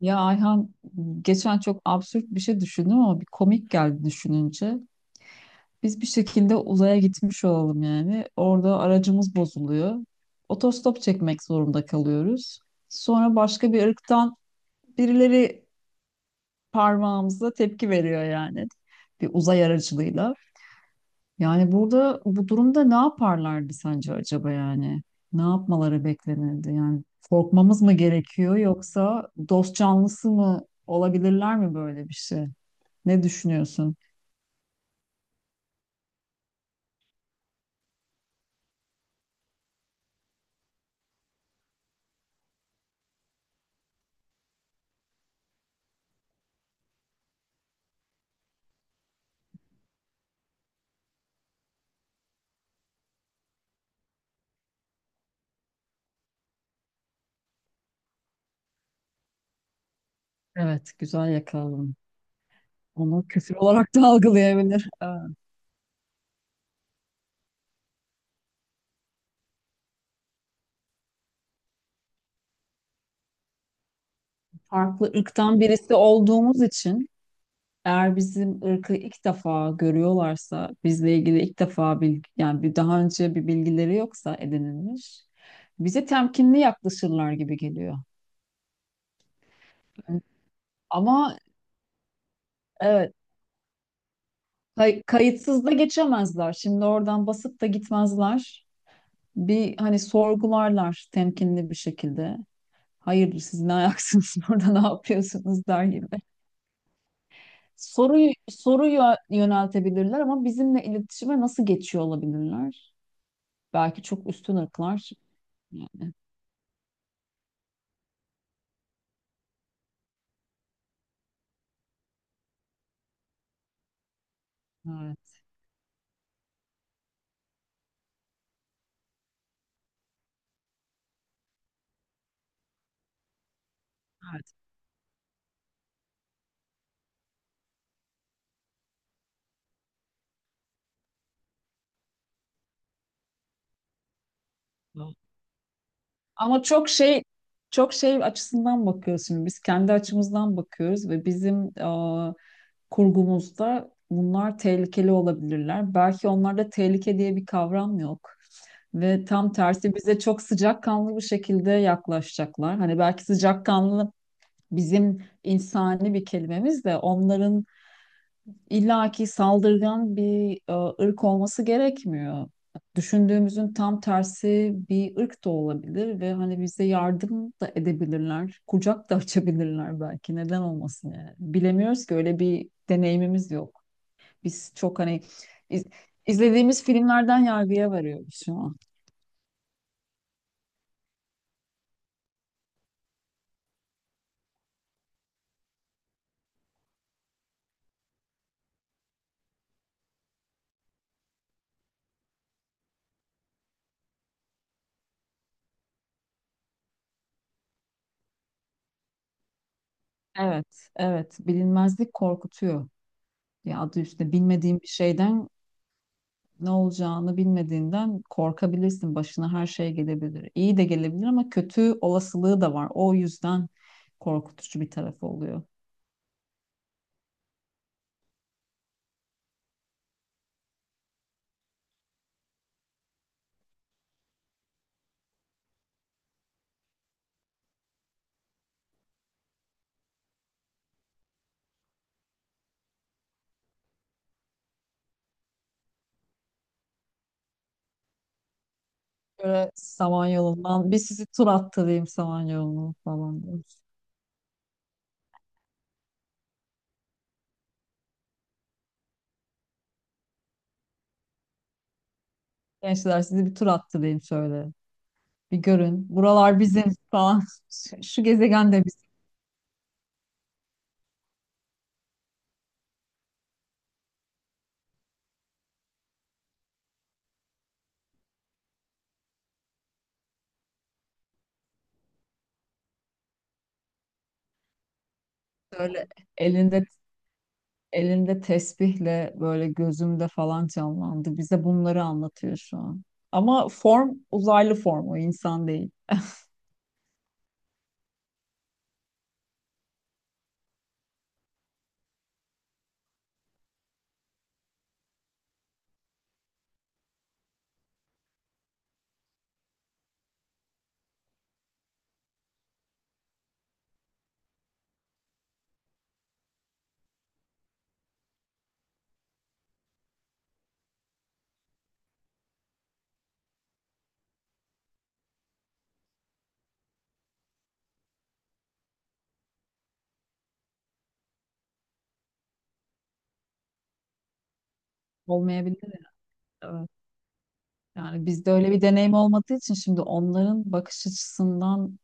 Ya Ayhan geçen çok absürt bir şey düşündüm ama bir komik geldi düşününce. Biz bir şekilde uzaya gitmiş olalım yani. Orada aracımız bozuluyor. Otostop çekmek zorunda kalıyoruz. Sonra başka bir ırktan birileri parmağımıza tepki veriyor yani. Bir uzay aracılığıyla. Yani burada bu durumda ne yaparlardı sence acaba yani? Ne yapmaları beklenirdi? Yani korkmamız mı gerekiyor yoksa dost canlısı mı olabilirler mi böyle bir şey? Ne düşünüyorsun? Evet, güzel yakaladın. Onu küfür olarak da algılayabilir. Farklı ırktan birisi olduğumuz için eğer bizim ırkı ilk defa görüyorlarsa, bizle ilgili ilk defa bilgi, yani bir daha önce bir bilgileri yoksa edinilmiş, bize temkinli yaklaşırlar gibi geliyor. Ama evet, kayıtsız da geçemezler. Şimdi oradan basıp da gitmezler. Bir hani sorgularlar temkinli bir şekilde. Hayırdır siz ne ayaksınız orada ne yapıyorsunuz der gibi. Soruyu yöneltebilirler ama bizimle iletişime nasıl geçiyor olabilirler? Belki çok üstün ırklar. Yani, evet, evet. Doğru. Ama çok şey açısından bakıyoruz şimdi. Biz kendi açımızdan bakıyoruz ve bizim kurgumuzda bunlar tehlikeli olabilirler. Belki onlarda tehlike diye bir kavram yok. Ve tam tersi bize çok sıcakkanlı bir şekilde yaklaşacaklar. Hani belki sıcakkanlı bizim insani bir kelimemiz de onların illaki saldırgan bir ırk olması gerekmiyor. Düşündüğümüzün tam tersi bir ırk da olabilir ve hani bize yardım da edebilirler. Kucak da açabilirler belki. Neden olmasın yani? Bilemiyoruz ki öyle bir deneyimimiz yok. Biz çok hani iz- izlediğimiz filmlerden yargıya varıyoruz şu an. Evet, evet. Bilinmezlik korkutuyor. Ya adı üstünde bilmediğin bir şeyden ne olacağını bilmediğinden korkabilirsin. Başına her şey gelebilir. İyi de gelebilir ama kötü olasılığı da var. O yüzden korkutucu bir tarafı oluyor. Böyle Samanyolu'ndan bir sizi tur attırayım Samanyolu'nu falan diyoruz. Gençler sizi bir tur attırayım şöyle. Bir görün. Buralar bizim falan. Şu şu gezegen de. Böyle elinde elinde tesbihle böyle gözümde falan canlandı. Bize bunları anlatıyor şu an. Ama form uzaylı form o insan değil. Olmayabilir. Evet. Yani bizde öyle bir deneyim olmadığı için şimdi onların bakış açısından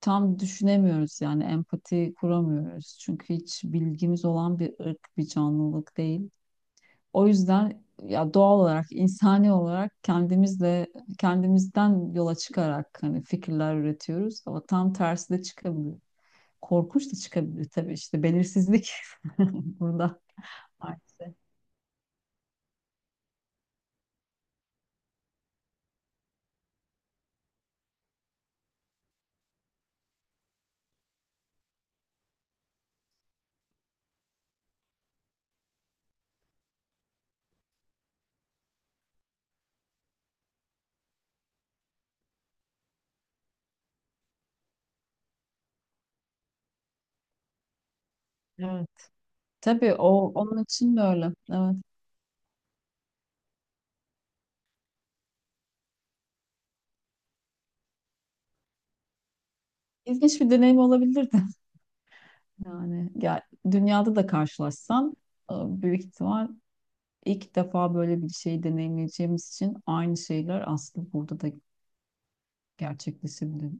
tam düşünemiyoruz yani empati kuramıyoruz. Çünkü hiç bilgimiz olan bir ırk, bir canlılık değil. O yüzden ya doğal olarak, insani olarak kendimizden yola çıkarak hani fikirler üretiyoruz ama tam tersi de çıkabilir. Korkunç da çıkabilir tabii işte belirsizlik burada maalesef. Evet. Tabii o onun için de öyle. Evet. İlginç bir deneyim olabilirdi. Yani ya, dünyada da karşılaşsam e, büyük ihtimal ilk defa böyle bir şeyi deneyimleyeceğimiz için aynı şeyler aslında burada da gerçekleşebilir.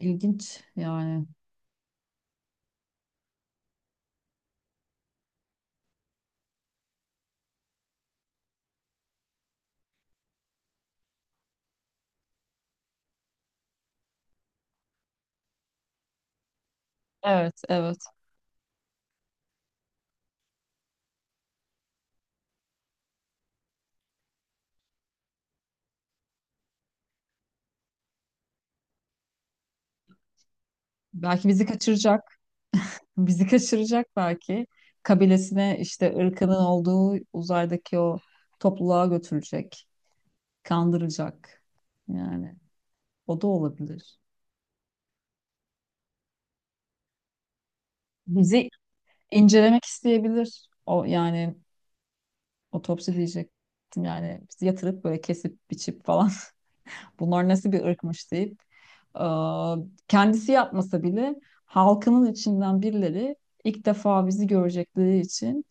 İlginç yani. Evet, evet. Belki bizi kaçıracak. Bizi kaçıracak belki. Kabilesine işte ırkının olduğu uzaydaki o topluluğa götürecek. Kandıracak. Yani o da olabilir. Bizi incelemek isteyebilir. O yani otopsi diyecektim yani bizi yatırıp böyle kesip biçip falan bunlar nasıl bir ırkmış deyip e, kendisi yapmasa bile halkının içinden birileri ilk defa bizi görecekleri için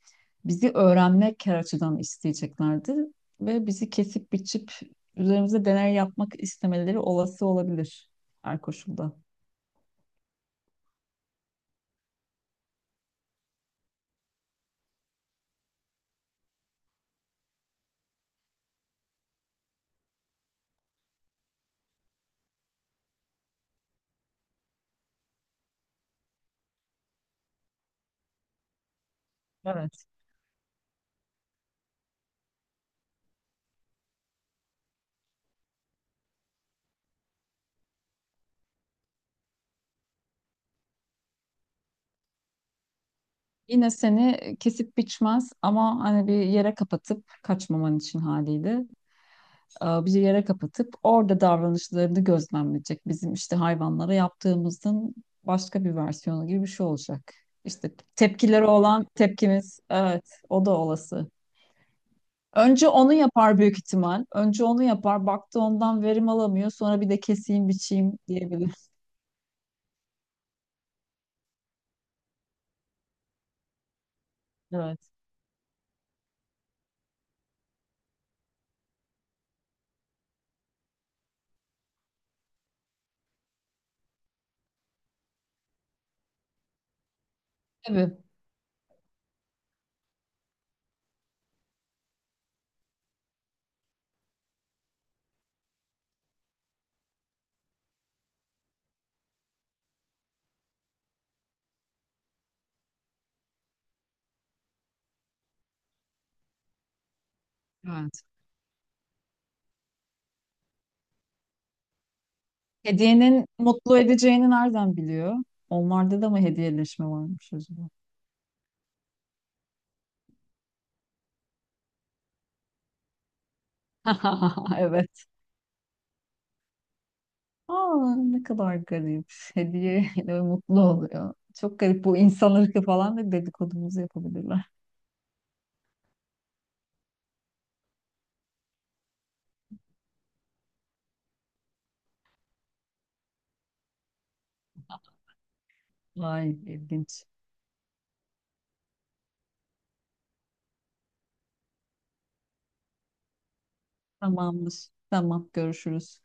bizi öğrenmek her açıdan isteyeceklerdir ve bizi kesip biçip üzerimize deney yapmak istemeleri olası olabilir her koşulda. Evet. Yine seni kesip biçmez ama hani bir yere kapatıp kaçmaman için haliyle bir yere kapatıp orada davranışlarını gözlemleyecek. Bizim işte hayvanlara yaptığımızın başka bir versiyonu gibi bir şey olacak. İşte tepkileri olan tepkimiz evet o da olası. Önce onu yapar büyük ihtimal. Önce onu yapar. Baktı ondan verim alamıyor. Sonra bir de keseyim biçeyim diyebilir. Evet. Tabii. Evet. Hediyenin mutlu edeceğini nereden biliyor? Onlarda da mı hediyeleşme varmış acaba? Evet. Aa, ne kadar garip. Hediyeyle mutlu oluyor. Çok garip bu insan ırkı falan da dedikodumuzu yapabilirler. Vay ilginç. Tamamdır. Tamam görüşürüz.